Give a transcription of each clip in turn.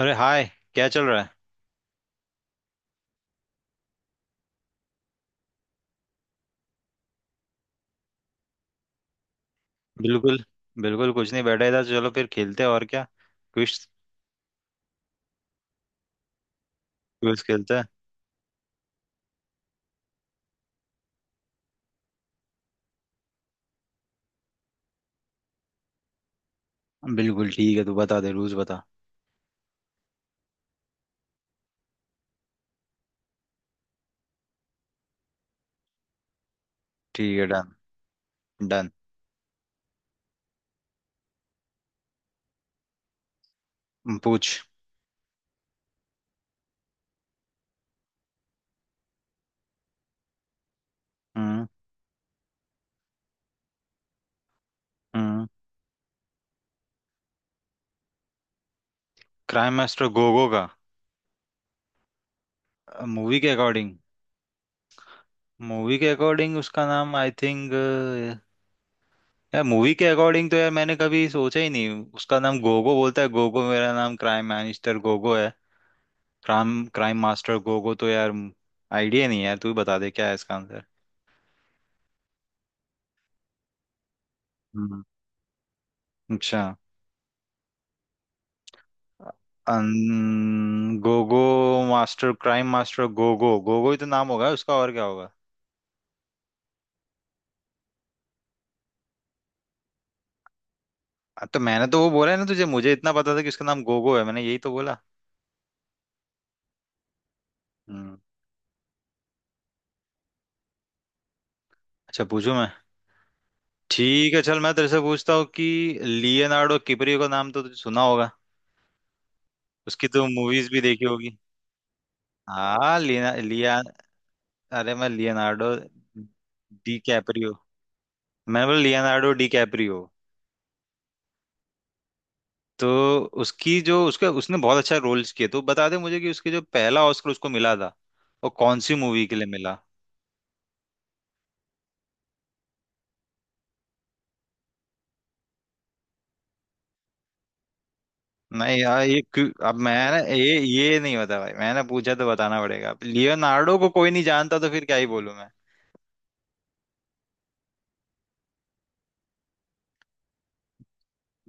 अरे हाय। क्या चल रहा है? बिल्कुल। कुछ नहीं, बैठा इधर। चलो फिर खेलते हैं, और क्या। क्विज। क्विज खेलते हैं। बिल्कुल ठीक है, तू बता दे रूल्स, बता। ठीक है, डन। डन। पूछ। हम्म। हम्म। क्राइम मास्टर गोगो का मूवी के अकॉर्डिंग? उसका नाम आई थिंक, यार मूवी के अकॉर्डिंग तो यार मैंने कभी सोचा ही नहीं। उसका नाम गोगो बोलता है, गोगो मेरा नाम क्राइम मिनिस्टर गोगो है। क्राइम क्राइम मास्टर गोगो, तो यार आइडिया नहीं है यार, तू ही बता दे क्या है इसका आंसर। हम्म। अच्छा। Gogo master, crime master Gogo, Gogo ही तो नाम होगा उसका, और क्या होगा। हाँ, तो मैंने तो वो बोला है ना तुझे, मुझे इतना पता था कि उसका नाम गोगो है, मैंने यही तो बोला। हम्म। अच्छा, पूछूं मैं? ठीक है, चल मैं तेरे से पूछता हूँ कि लियोनार्डो किपरियो का नाम तो तुझे सुना होगा, उसकी तो मूवीज भी देखी होगी। हाँ लिया लिया अरे मैं लियोनार्डो डी कैपरियो, मैंने बोला लियोनार्डो डी कैपरियो। तो उसकी जो उसका, उसने बहुत अच्छा रोल्स किए, तो बता दे मुझे कि उसके जो पहला ऑस्कर उसको मिला था, वो कौन सी मूवी के लिए मिला? नहीं यार, ये क्यों, अब मैं ना ये नहीं बता भाई, मैंने पूछा तो बताना पड़ेगा। अब लियोनार्डो को कोई नहीं जानता, तो फिर क्या ही बोलूं मैं।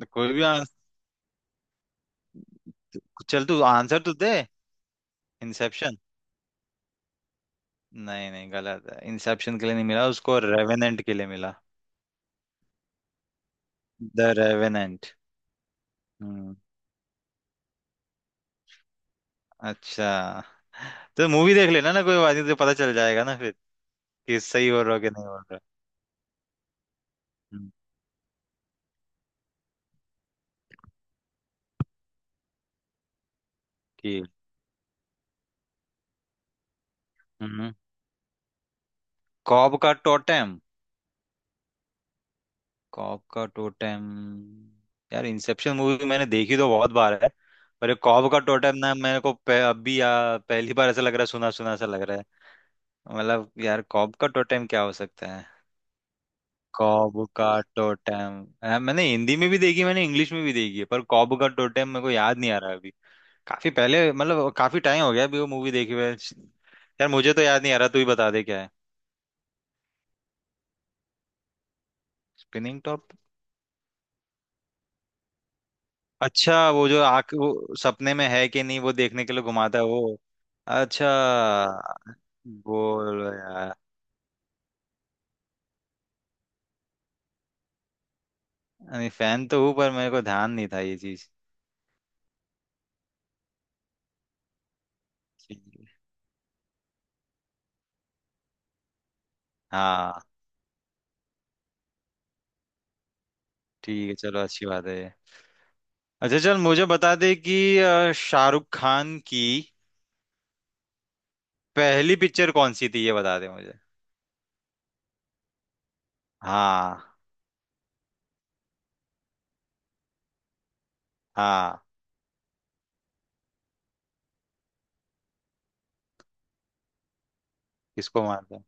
तो कोई भी आंसर, चल तू आंसर तो दे। इंसेप्शन? नहीं नहीं, गलत है, इंसेप्शन के लिए नहीं मिला उसको, रेवेनेंट के लिए मिला। The revenant. हम्म। अच्छा। तो मूवी देख लेना ना, कोई बात नहीं, तो पता चल जाएगा ना फिर, कि सही बोल रहा हो कि नहीं बोल रहा। कि हम्म। कॉब का टोटेम? कॉब का टोटेम, यार इंसेप्शन मूवी मैंने देखी तो बहुत बार है, पर ये कॉब का टोटेम ना मेरे को पहली बार ऐसा लग रहा है, सुना सुना सा लग रहा है। मतलब यार, कॉब का टोटेम क्या हो सकता है? कॉब का टोटेम। हाँ, मैंने हिंदी में भी देखी, मैंने इंग्लिश में भी देखी है, पर कॉब का टोटेम मेरे को याद नहीं आ रहा अभी। काफी पहले, मतलब काफी टाइम हो गया अभी वो मूवी देखी हुए। यार मुझे तो याद नहीं आ रहा, तू ही बता दे क्या है। Spinning top? अच्छा वो जो आंख, वो सपने में है कि नहीं वो देखने के लिए घुमाता है वो। अच्छा। बोलो यार, नहीं फैन तो हूँ, पर मेरे को ध्यान नहीं था ये चीज। ठीक है। हाँ। ठीक है, चलो, अच्छी बात है ये। अच्छा चल मुझे बता दे कि शाहरुख खान की पहली पिक्चर कौन सी थी, ये बता दे मुझे। हाँ, हाँ। किसको मानते हैं?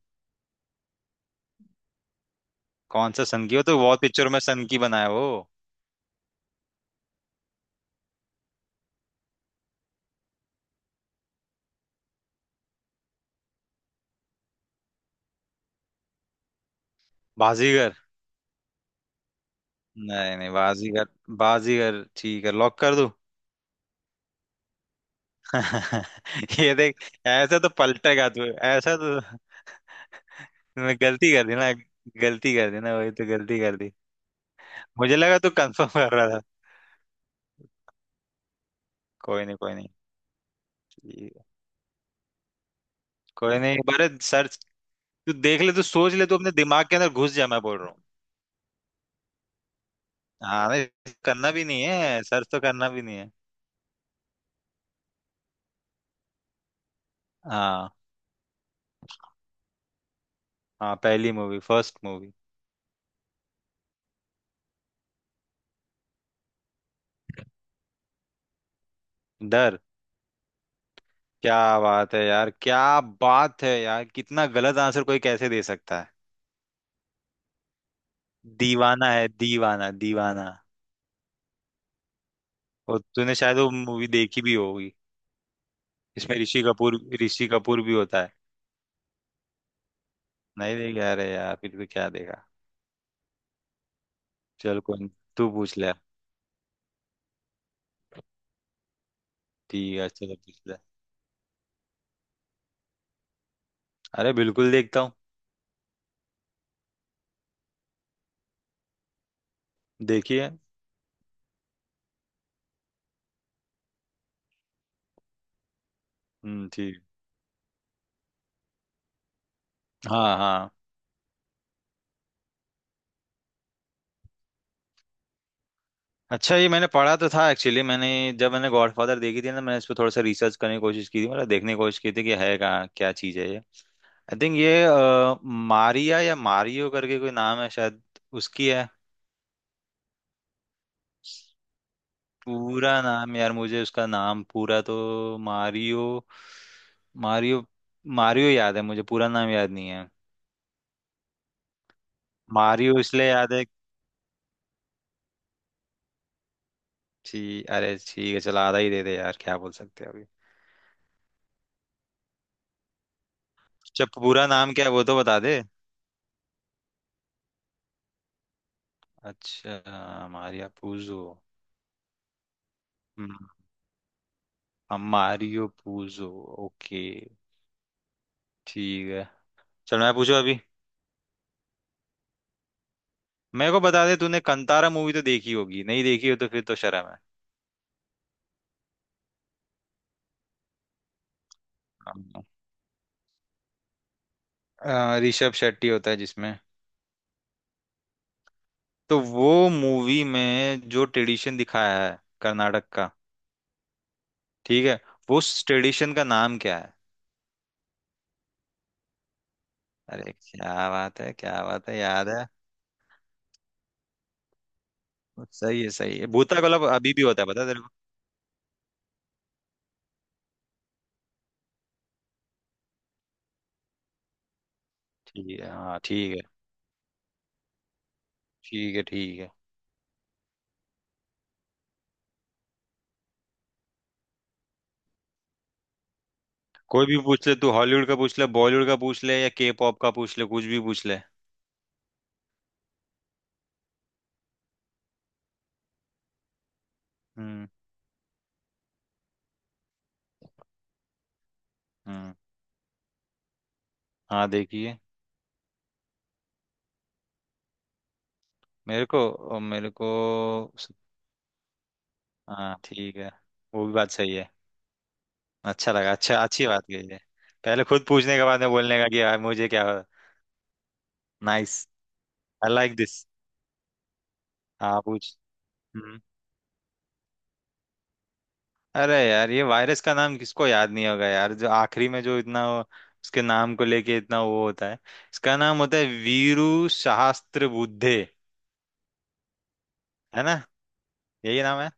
कौन सा सन की हो, तो बहुत पिक्चरों में सन की बनाया वो। बाजीगर। नहीं नहीं, बाजीगर। बाजीगर, ठीक है, लॉक कर दूं? ये देख, ऐसा तो पलटेगा तू। ऐसा तो तूने गलती कर दी ना, गलती कर दी ना, वही तो गलती कर दी। मुझे लगा तू कंफर्म कर रहा था। कोई नहीं, कोई नहीं। कोई नहीं, एक बार सर्च, तू देख ले, तू सोच ले, तू अपने दिमाग के अंदर घुस जा, मैं बोल रहा हूँ। हाँ नहीं, करना भी नहीं है, सर्च तो करना भी नहीं है। हाँ, हाँ पहली मूवी, फर्स्ट मूवी। डर? क्या बात है यार, क्या बात है यार, कितना गलत आंसर कोई कैसे दे सकता है। दीवाना है, दीवाना, दीवाना। और तूने शायद वो मूवी देखी भी होगी, इसमें ऋषि कपूर, ऋषि कपूर भी होता है। नहीं देखी? अरे यार, फिर भी क्या देखा। चल कोई नहीं, तू पूछ ले। ठीक है चलो, पूछ ले। अरे बिल्कुल देखता हूँ। देखिए। हम्म, ठीक। हाँ, हाँ। अच्छा, ये मैंने पढ़ा तो था एक्चुअली, मैंने जब मैंने गॉडफादर देखी थी ना, मैंने इस पर थोड़ा सा रिसर्च करने की कोशिश की थी, मतलब देखने की कोशिश की थी कि है कहाँ क्या चीज़ है ये। आई थिंक ये मारिया या मारियो करके कोई नाम है शायद, उसकी है। पूरा नाम यार, मुझे उसका नाम पूरा तो मारियो, मारियो, मारियो याद है, मुझे पूरा नाम याद नहीं है। मारियो इसलिए याद है। ठीक, अरे ठीक है, चल आधा ही दे दे यार, क्या बोल सकते हैं अभी। जब पूरा नाम क्या है वो, तो बता दे। अच्छा, मारिया पूजो। हम्म। हाँ, मारियो पूजो। ओके। ठीक है, चल मैं पूछू अभी। मेरे को बता दे, तूने कंतारा मूवी तो देखी होगी, नहीं देखी हो तो फिर तो शर्म है। हाँ। ऋषभ शेट्टी होता है जिसमें। तो वो मूवी में जो ट्रेडिशन दिखाया है कर्नाटक का, ठीक है, वो उस ट्रेडिशन का नाम क्या है? अरे क्या बात है, क्या बात है, याद है। सही है, सही है, भूता गलप अभी भी होता है, पता है तेरे को? ठीक है, हाँ ठीक है। ठीक है। ठीक है, कोई भी पूछ ले, तू हॉलीवुड का पूछ ले, बॉलीवुड का पूछ ले, या के पॉप का पूछ ले, कुछ भी पूछ ले। हम्म। हम्म। हाँ, देखिए। मेरे को हाँ ठीक है, वो भी बात सही है। अच्छा लगा, अच्छा, अच्छी बात कही है। पहले खुद पूछने के बाद में बोलने का कि यार मुझे क्या। नाइस। I like this. हाँ पूछ। हम्म। अरे यार, ये वायरस का नाम किसको याद नहीं होगा यार, जो आखिरी में जो इतना उसके नाम को लेके इतना वो होता है। इसका नाम होता है वीरू सहस्त्र बुद्धे, है ना, यही नाम है।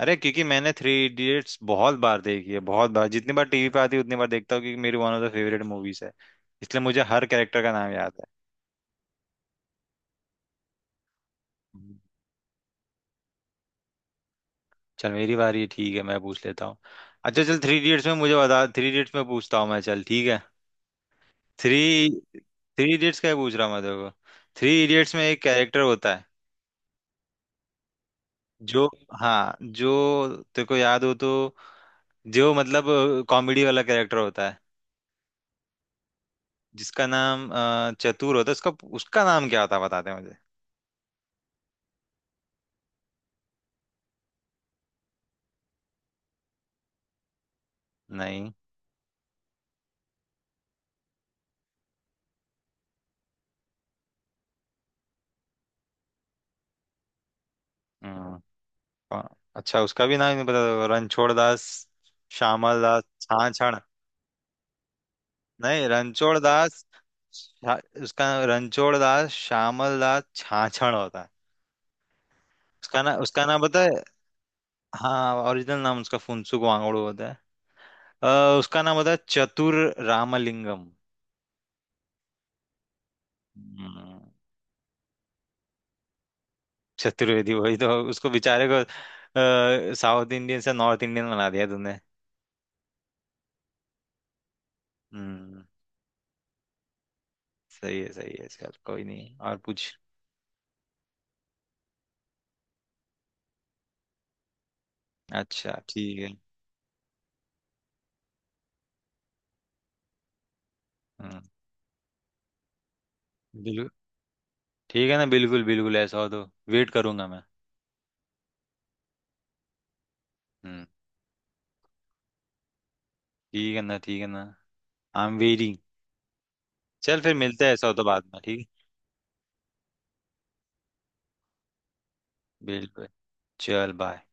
अरे क्योंकि मैंने थ्री इडियट्स बहुत बार देखी है, बहुत बार, जितनी बार टीवी पे आती है उतनी बार देखता हूँ, क्योंकि मेरी one of the favourite movies है, इसलिए मुझे हर कैरेक्टर का नाम याद है। चल मेरी बारी है, ठीक है मैं पूछ लेता हूँ। अच्छा चल, थ्री इडियट्स में मुझे बता, थ्री इडियट्स में पूछता हूँ मैं, चल ठीक है। थ्री थ्री इडियट्स का ही पूछ रहा हूँ मैं तेरे को। थ्री इडियट्स में एक कैरेक्टर होता है, जो, हाँ जो तेरे को याद हो तो, जो मतलब कॉमेडी वाला कैरेक्टर होता है, जिसका नाम चतुर होता है उसका, उसका नाम क्या होता है बताते हैं मुझे? नहीं। हम्म, अ, अच्छा, उसका भी नाम नहीं पता? रणछोड़ दास श्यामल दास छाछ। नहीं, रणछोड़ दास, उसका रणछोड़ दास श्यामल दास छाछड़ होता है। उसका ना, उसका नाम पता है, हाँ, ओरिजिनल नाम उसका फुनसुक वांगड़ू होता है। उसका नाम होता है चतुर रामलिंगम। हम्म। चतुर्वेदी, वही तो उसको बेचारे को साउथ इंडियन से नॉर्थ इंडियन बना दिया तूने। हम्म। सही है, सही है, चल कोई नहीं, और पूछ। अच्छा ठीक है। हम्म। बिल्कुल, ठीक है ना, बिल्कुल बिल्कुल, ऐसा हो तो वेट करूंगा मैं। हम्म। ठीक है ना, ठीक है ना। I am very. चल फिर मिलते हैं ऐसा हो तो बाद में, ठीक है। बिल्कुल। चल बाय।